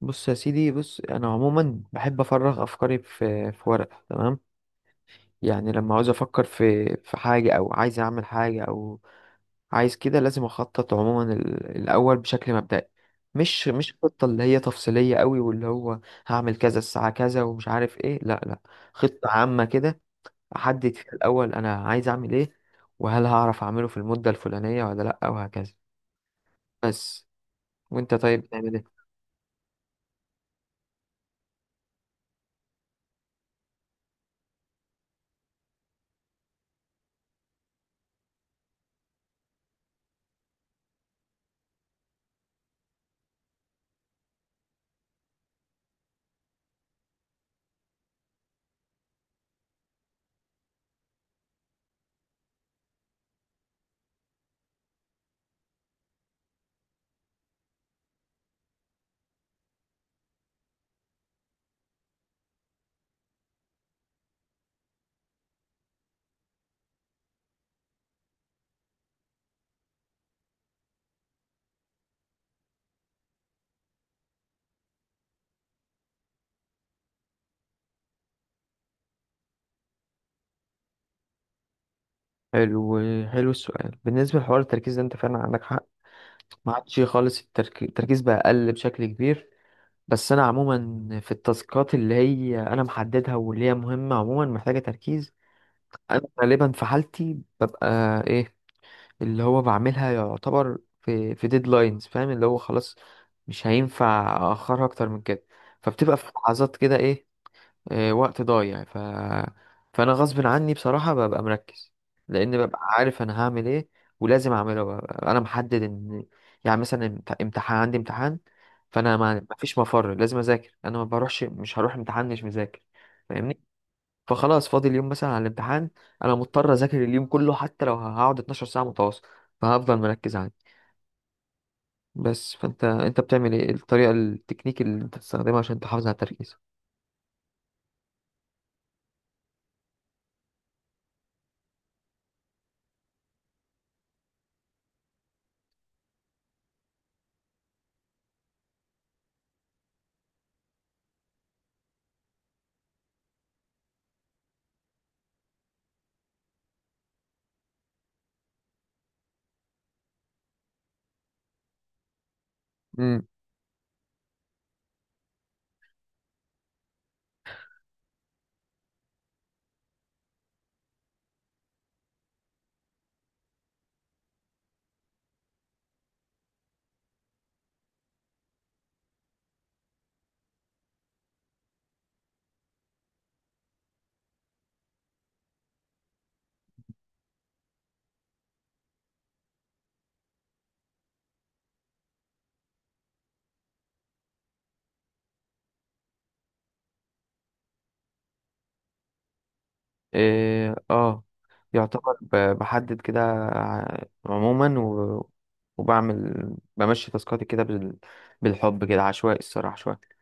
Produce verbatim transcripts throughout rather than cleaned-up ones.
بص يا سيدي، بص انا عموما بحب افرغ افكاري في في ورقه. تمام. يعني لما عاوز افكر في في حاجه، او عايز اعمل حاجه، او عايز كده، لازم اخطط عموما ال- الاول بشكل مبدئي. مش مش خطه اللي هي تفصيليه قوي، واللي هو هعمل كذا الساعه كذا ومش عارف ايه، لا لا. خطه عامه كده، احدد فيها الاول انا عايز اعمل ايه، وهل هعرف اعمله في المده الفلانيه ولا لا، وهكذا، بس. وانت طيب بتعمل ايه؟ حلو، حلو السؤال. بالنسبه لحوار التركيز ده، انت فعلا عندك حق. ما عادش خالص الترك- التركيز بقى أقل بشكل كبير. بس أنا عموما في التاسكات اللي هي أنا محددها واللي هي مهمة، عموما محتاجة تركيز. أنا غالبا في حالتي ببقى، إيه، اللي هو بعملها يعتبر في في ديدلاينز. فاهم؟ اللي هو خلاص، مش هينفع أأخرها أكتر من كده. فبتبقى في لحظات كده، إيه، آه، وقت ضايع. ف... فانا غصب عني بصراحة ببقى مركز، لان ببقى عارف انا هعمل ايه ولازم اعمله، ببقى انا محدد ان، يعني مثلا امت- امتحان، عندي امتحان، فانا ما مفيش مفر، لازم اذاكر، انا ما بروحش، مش هروح امتحان مش مذاكر. فاهمني؟ فخلاص، فاضل اليوم مثلا على الامتحان، انا مضطر اذاكر اليوم كله، حتى لو هقعد اتناشر ساعة متواصل، فهفضل مركز عندي. بس، فانت انت بتعمل ايه الطريقة التكنيك اللي انت بتستخدمها عشان تحافظ على التركيز؟ إيه، اه، يعتبر ب- بحدد كده ع- عموما و... وبعمل، بمشي تاسكاتي كده بال... بالحب كده، عشوائي الصراحة شوية.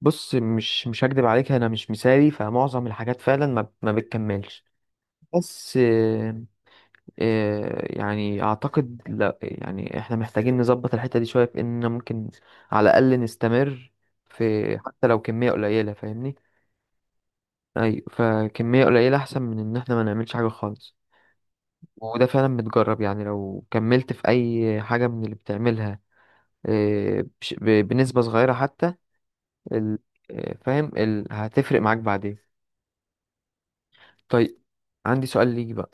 بص، مش مش هكدب عليك، انا مش مثالي، فمعظم الحاجات فعلا ما, ما بتكملش. بس إيه إيه يعني، اعتقد لا، يعني احنا محتاجين نظبط الحتة دي شوية في اننا ممكن على الاقل نستمر في، حتى لو كمية قليلة، فاهمني؟ ايوه، فكمية قليلة احسن من ان احنا ما نعملش حاجة خالص. وده فعلا متجرب، يعني لو كملت في أي حاجة من اللي بتعملها، آه، بش- ب- بنسبة صغيرة حتى، ال- آه، فاهم، ال- هتفرق معاك بعدين. طيب، عندي سؤال ليك بقى.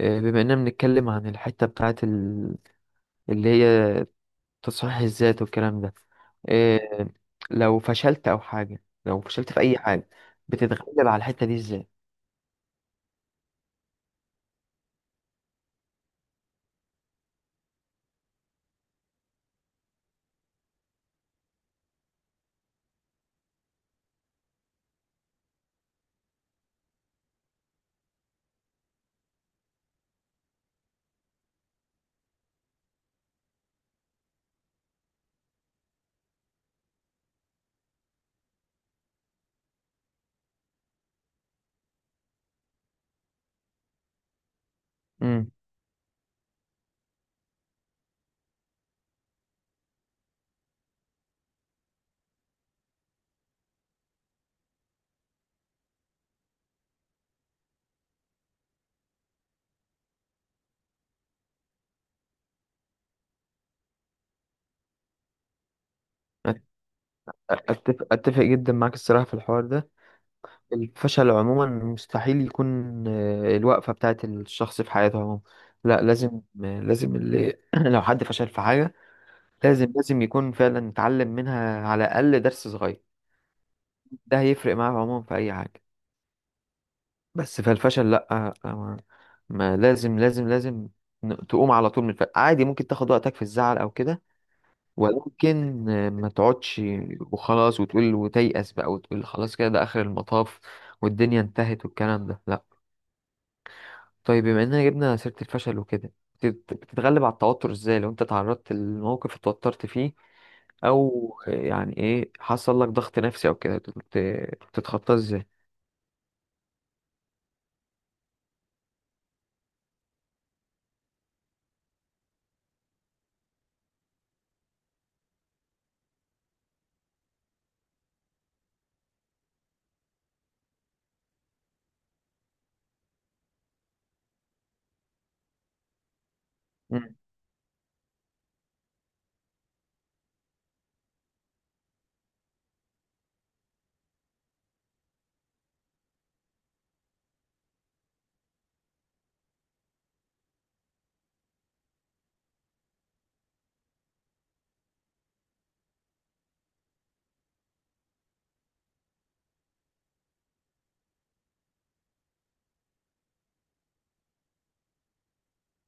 آه، بما إننا بنتكلم عن الحتة بتاعت ال- اللي هي تصحيح الذات والكلام ده، آه، لو فشلت أو حاجة، لو فشلت في أي حاجة، بتتغلب على الحتة دي إزاي؟ مم. أت- أتفق أتفق جدا معاك الصراحة في الحوار ده. الفشل عموما مستحيل يكون، آه، الوقفة بتاعت الشخص في حياته عموما. لا، لازم، آه، لازم اللي لو حد فشل في حاجة، لازم لازم يكون فعلا اتعلم منها على الأقل درس صغير. ده هيفرق معاه عموما في أي حاجة. بس، فالفشل لا، آه، آه، ما ما، لازم لازم لازم ن- تقوم على طول من الفشل. عادي ممكن تاخد وقتك في الزعل أو كده، ولكن آه، ما تقعدش وخلاص وتقول وتيأس بقى، وتقول خلاص كده ده آخر المطاف والدنيا انتهت والكلام ده. لا. طيب، بما اننا جبنا سيرة الفشل وكده، بتت- بتتغلب على التوتر ازاي لو انت تعرضت لموقف اتوترت فيه، او يعني ايه، حصل لك ضغط نفسي او كده، بت- بتتخطاه ازاي؟ مم.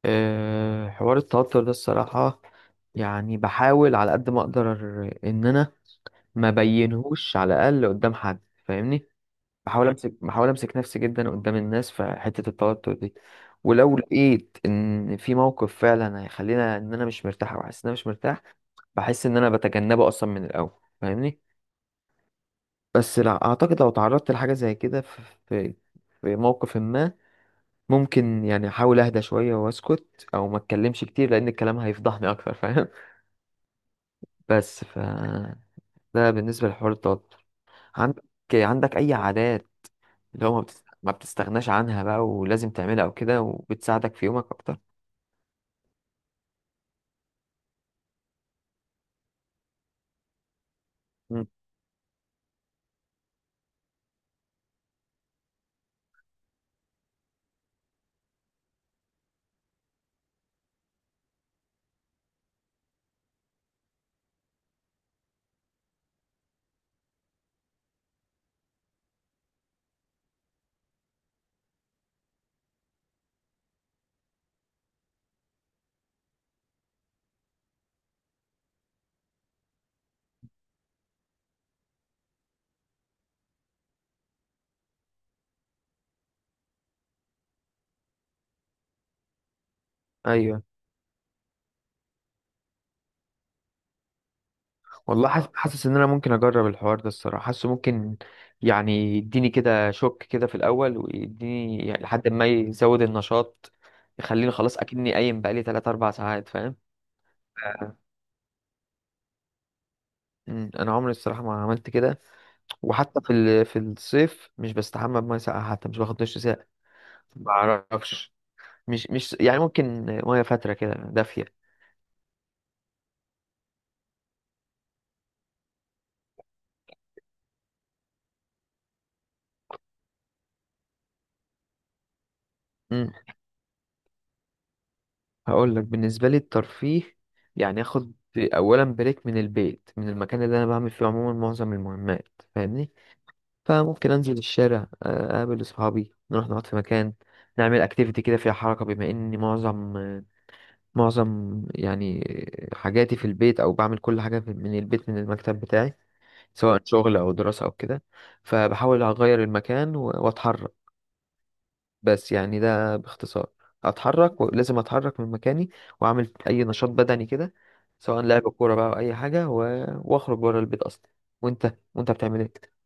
آه، حوار التوتر ده الصراحة، يعني بحاول على قد ما اقدر ان انا ما بينهوش على الاقل قدام حد، فاهمني؟ بحاول امسك بحاول امسك نفسي جدا قدام الناس في حته التوتر دي. ولو لقيت ان في موقف فعلا هيخلينا ان انا مش مرتاح، او حاسس ان انا مش مرتاح، بحس ان انا بتجنبه اصلا من الاول. فاهمني؟ بس لا، اعتقد لو تعرضت لحاجه زي كده في، في في موقف ما، ممكن يعني احاول اهدى شويه واسكت، او ما اتكلمش كتير لان الكلام هيفضحني اكتر. فاهم؟ بس ف ده بالنسبه لحوار التوتر. عندك عندك اي عادات اللي هو ما بتست- ما بتستغناش عنها بقى ولازم تعملها او كده، وبتساعدك في يومك اكتر؟ مم. ايوه. والله، حاسس حاسس ان انا ممكن اجرب الحوار ده، الصراحه حاسه ممكن يعني يديني كده شوك كده في الاول، ويديني يعني لحد ما يزود النشاط، يخليني خلاص اكني قايم بقالي تلاتة اربعة ساعات. فاهم؟ آه، مم. انا عمري الصراحه ما عملت كده. وحتى في ال- في الصيف، مش بستحمى بميه ساقعه، حتى مش باخد دش ساقع. ما اعرفش، مش مش يعني، ممكن ميه فاتره كده دافيه. هقول لك، بالنسبه لي الترفيه، يعني اخد اولا بريك من البيت، من المكان اللي انا بعمل فيه عموما معظم المهمات، فاهمني؟ فممكن انزل الشارع، آه، اقابل اصحابي، نروح نقعد في مكان، نعمل اكتيفيتي كده فيها حركه، بما اني معظم آه، معظم يعني حاجاتي في البيت، او بعمل كل حاجه في- من البيت، من المكتب بتاعي، سواء شغل او دراسه او كده، فبحاول اغير المكان و- واتحرك. بس يعني ده باختصار، اتحرك، ولازم اتحرك من مكاني، واعمل اي نشاط بدني كده، سواء لعب كوره بقى او اي حاجه و... واخرج بره البيت اصلا. وانت وانت بتعمل ايه؟